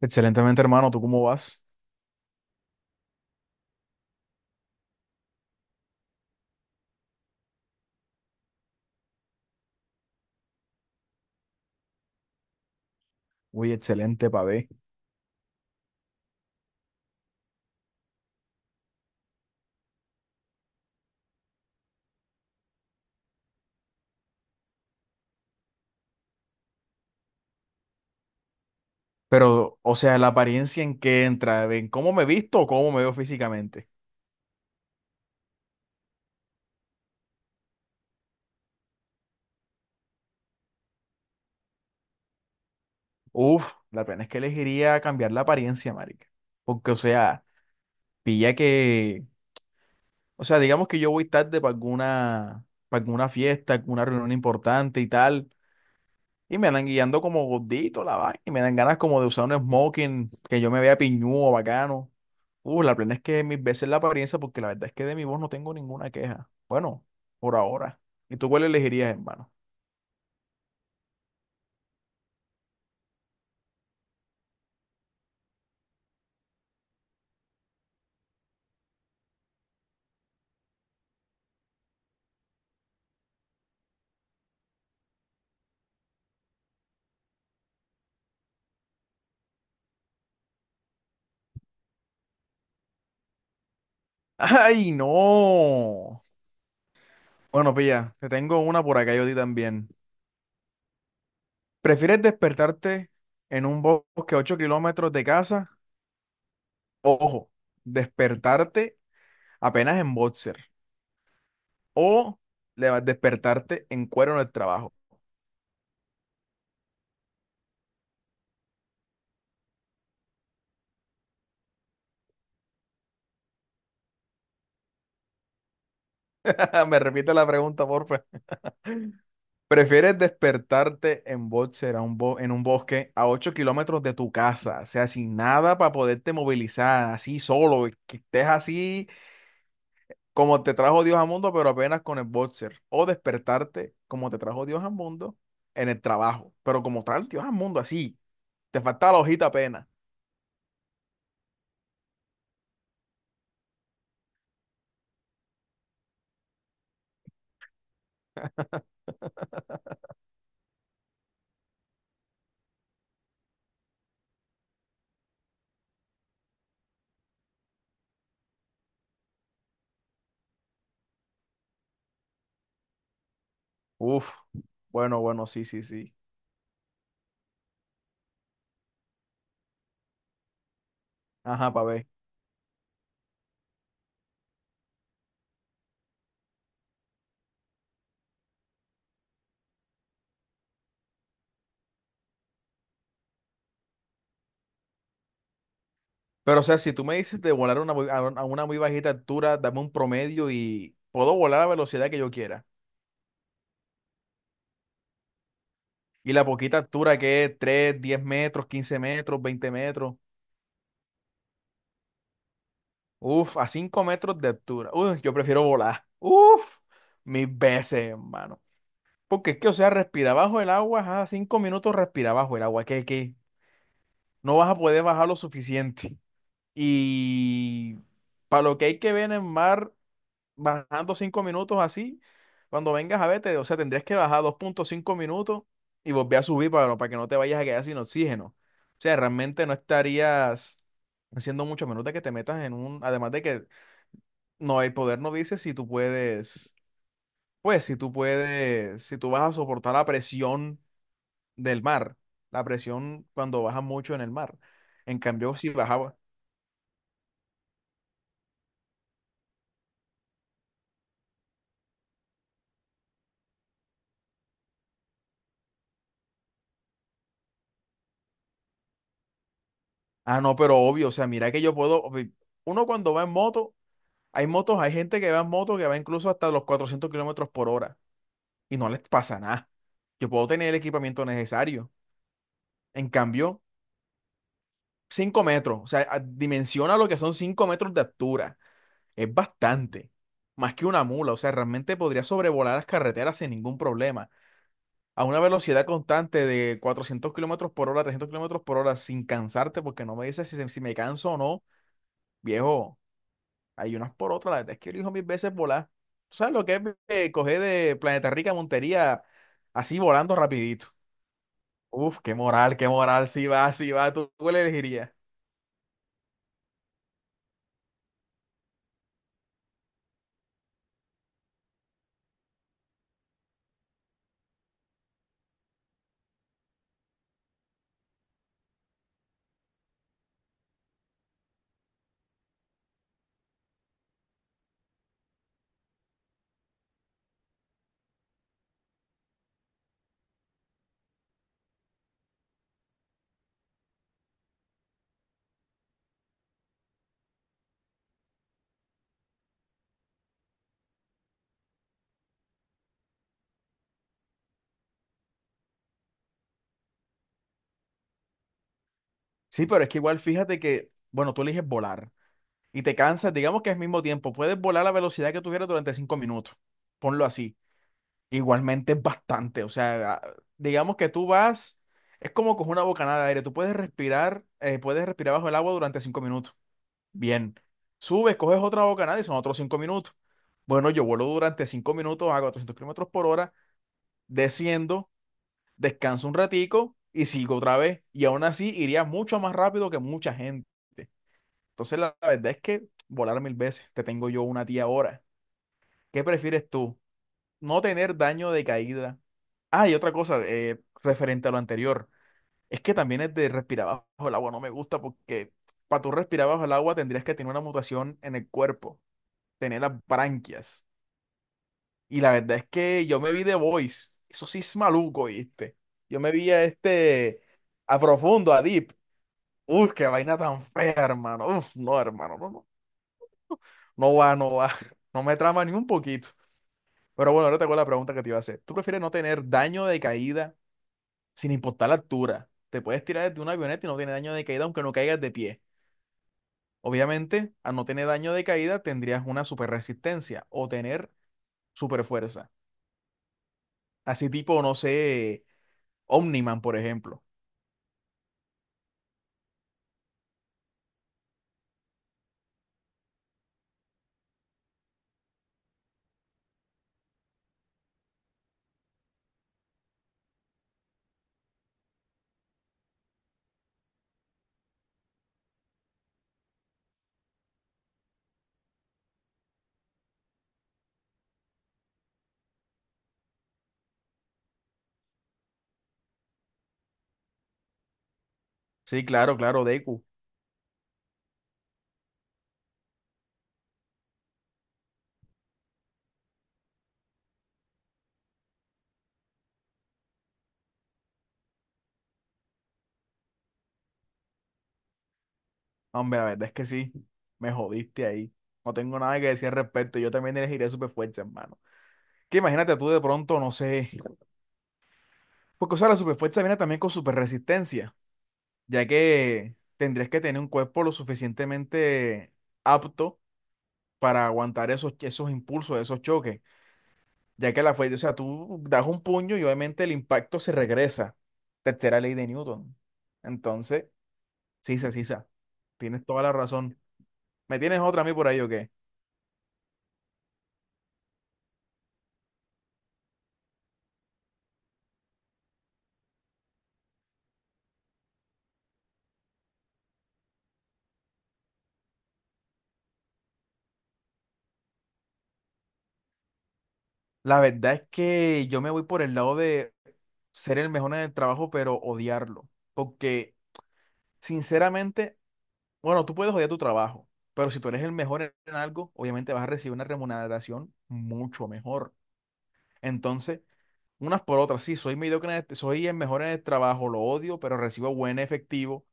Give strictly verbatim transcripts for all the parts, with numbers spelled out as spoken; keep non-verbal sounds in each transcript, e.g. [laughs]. Excelentemente, hermano, ¿tú cómo vas? Uy, excelente, pavé. Pero, o sea, la apariencia en que entra, ¿en cómo me visto o cómo me veo físicamente? Uf, la pena es que elegiría cambiar la apariencia, marica. Porque, o sea, pilla que, o sea, digamos que yo voy tarde para alguna, para alguna fiesta, alguna reunión importante y tal. Y me andan guiando como gordito la vaina. Y me dan ganas como de usar un smoking que yo me vea piñudo, bacano. Uh, la plena es que mis veces la apariencia, porque la verdad es que de mi voz no tengo ninguna queja. Bueno, por ahora. ¿Y tú cuál elegirías, hermano? [laughs] ¡Ay, no! Bueno, pilla, te tengo una por acá yo di también. ¿Prefieres despertarte en un bosque a ocho kilómetros de casa? Ojo, despertarte apenas en boxer. O le- despertarte en cuero en el trabajo. [laughs] Ah, me repite la pregunta, porfa. ¿Prefieres despertarte en boxer a un bo- en un bosque a ocho kilómetros de tu casa? O sea, sin nada para poderte movilizar, así solo, que estés así como te trajo Dios al mundo, pero apenas con el boxer. O despertarte como te trajo Dios al mundo en el trabajo, pero como tal Dios al mundo, así. Te falta la hojita apenas. Uf, bueno, bueno, sí, sí, sí. Ajá, pa ver. Pero, o sea, si tú me dices de volar a una, muy- a un- a una muy bajita altura, dame un promedio y puedo volar a la velocidad que yo quiera. Y la poquita altura que es tres, diez metros, quince metros, veinte metros. Uf, a cinco metros de altura. Uf, yo prefiero volar. Uf, mil veces, hermano. Porque es que, o sea, respira bajo el agua, ajá, cinco minutos respira bajo el agua. ¿Qué, qué? No vas a poder bajar lo suficiente. Y para lo que hay que ver en el mar. Bajando cinco minutos así, cuando vengas a verte, o sea, tendrías que bajar dos punto cinco minutos y volver a subir para, no, para que no te vayas a quedar sin oxígeno. O sea, realmente no estarías haciendo mucho a menos de que te metas en un, además de que no, el poder no dice si tú puedes, pues si tú puedes, si tú vas a soportar la presión del mar, la presión cuando bajas mucho en el mar. En cambio, si bajaba, ah, no, pero obvio, o sea, mira que yo puedo, uno cuando va en moto. Hay motos, hay gente que va en moto que va incluso hasta los cuatrocientos kilómetros por hora y no les pasa nada. Yo puedo tener el equipamiento necesario. En cambio, cinco metros, o sea, a- dimensiona lo que son cinco metros de altura. Es bastante, más que una mula. O sea, realmente podría sobrevolar las carreteras sin ningún problema. A una velocidad constante de cuatrocientos kilómetros por hora, trescientos kilómetros por hora, sin cansarte, porque no me dices si, se- si me canso o no, viejo. Hay unas por otras, la verdad es que elijo mil veces volar. ¿Tú sabes lo que es eh, coger de Planeta Rica a Montería así volando rapidito? Uf, qué moral, qué moral, si va, si va, tú, tú le elegirías. Sí, pero es que igual fíjate que, bueno, tú eliges volar y te cansas, digamos que es mismo tiempo, puedes volar a la velocidad que tú quieras durante cinco minutos, ponlo así. Igualmente es bastante, o sea, a- digamos que tú vas, es como coger una bocanada de aire, tú puedes respirar, eh, puedes respirar bajo el agua durante cinco minutos. Bien, subes, coges otra bocanada y son otros cinco minutos. Bueno, yo vuelo durante cinco minutos a cuatrocientos kilómetros por hora, desciendo, descanso un ratico y sigo otra vez. Y aún así iría mucho más rápido que mucha gente. Entonces la, la verdad es que volar mil veces, te tengo yo una tía ahora. ¿Qué prefieres tú? No tener daño de caída. Ah, y otra cosa, eh, referente a lo anterior, es que también es de respirar bajo el agua, no me gusta porque para tú respirar bajo el agua tendrías que tener una mutación en el cuerpo. Tener las branquias. Y la verdad es que yo me vi The Voice. Eso sí es maluco, ¿viste? Yo me vi a este, a profundo, a Deep. Uf, qué vaina tan fea, hermano. Uf, no, hermano, no, no. No va, no va. [laughs] No me trama ni un poquito. Pero bueno, ahora te hago la pregunta que te iba a hacer. ¿Tú prefieres no tener daño de caída sin importar la altura? Te puedes tirar desde una avioneta y no tienes daño de caída aunque no caigas de pie. Obviamente, al no tener daño de caída, tendrías una super resistencia o tener super fuerza. Así tipo, no sé, Omniman, por ejemplo. Sí, claro, claro, Deku. No, hombre, la verdad es que sí, me jodiste ahí. No tengo nada que decir al respecto. Yo también elegiré superfuerza, hermano. Que imagínate tú de pronto, no sé. Porque, o sea, la superfuerza viene también con superresistencia, ya que tendrías que tener un cuerpo lo suficientemente apto para aguantar esos, esos impulsos, esos choques. Ya que la fuerza, o sea, tú das un puño y obviamente el impacto se regresa. Tercera ley de Newton. Entonces, sí, sí, sí, sí. Tienes toda la razón. ¿Me tienes otra a mí por ahí o qué? La verdad es que yo me voy por el lado de ser el mejor en el trabajo, pero odiarlo. Porque, sinceramente, bueno, tú puedes odiar tu trabajo, pero si tú eres el mejor en en algo, obviamente vas a recibir una remuneración mucho mejor. Entonces, unas por otras, sí, soy mediocre en este- soy el mejor en el trabajo, lo odio, pero recibo buen efectivo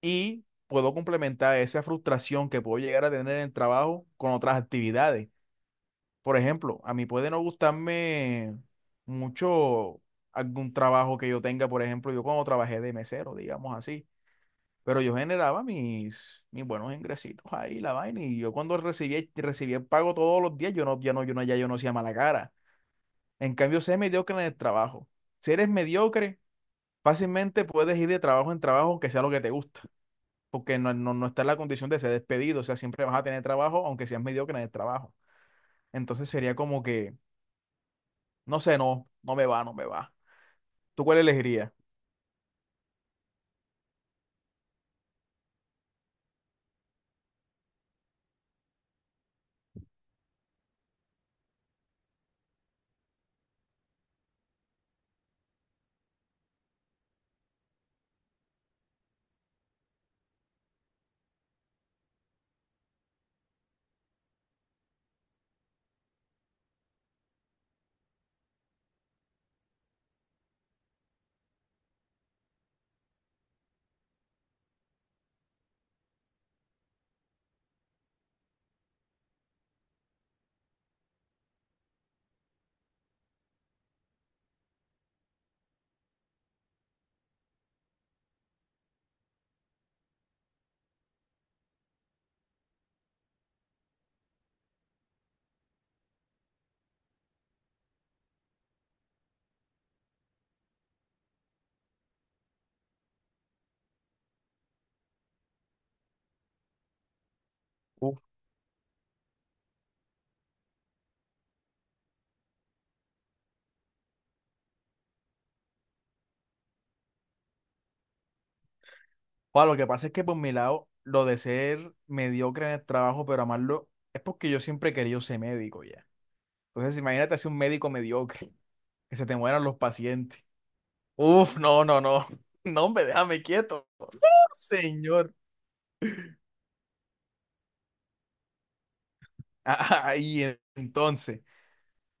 y puedo complementar esa frustración que puedo llegar a tener en el trabajo con otras actividades. Por ejemplo, a mí puede no gustarme mucho algún trabajo que yo tenga, por ejemplo, yo cuando trabajé de mesero, digamos así, pero yo generaba mis, mis buenos ingresitos ahí, la vaina, y yo cuando recibía, recibía el pago todos los días, yo no, ya no, yo no, ya yo no hacía mala cara. En cambio, sé mediocre en el trabajo. Si eres mediocre, fácilmente puedes ir de trabajo en trabajo, aunque sea lo que te gusta, porque no, no, no está en la condición de ser despedido, o sea, siempre vas a tener trabajo, aunque seas mediocre en el trabajo. Entonces sería como que no sé, no, no me va, no me va. ¿Tú cuál elegirías? Uf. Joder, lo que pasa es que por mi lado, lo de ser mediocre en el trabajo, pero amarlo, es porque yo siempre he querido ser médico ya. Entonces, imagínate ser un médico mediocre, que se te mueran los pacientes. Uf, no, no, no. [laughs] No, hombre, déjame quieto. [laughs] Señor. Ahí, en- entonces,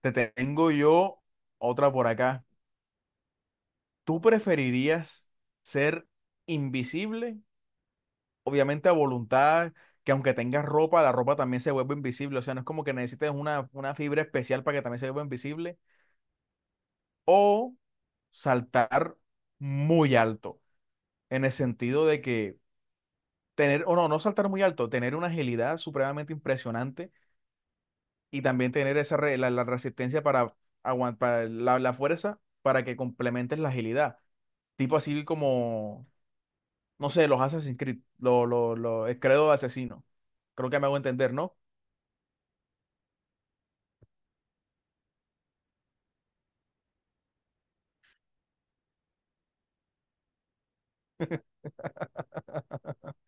te tengo yo otra por acá. ¿Tú preferirías ser invisible obviamente a voluntad, que aunque tengas ropa, la ropa también se vuelve invisible? O sea, no es como que necesites una, una fibra especial para que también se vuelva invisible. O saltar muy alto, en el sentido de que tener, o no, no saltar muy alto, tener una agilidad supremamente impresionante y también tener esa re- la, la resistencia para aguantar la, la fuerza para que complementes la agilidad. Tipo así como, no sé, los Assassin's Creed, lo, lo, lo, el credo de asesino. Creo que me hago entender, ¿no? [laughs]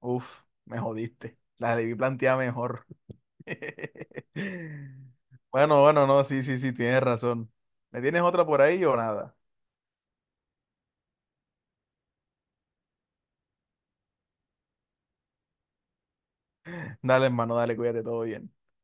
Uf, me jodiste. La debí plantear mejor. [laughs] Bueno, bueno, no, sí, sí, sí, tienes razón. ¿Me tienes otra por ahí o nada? Dale, hermano, dale, cuídate, todo bien.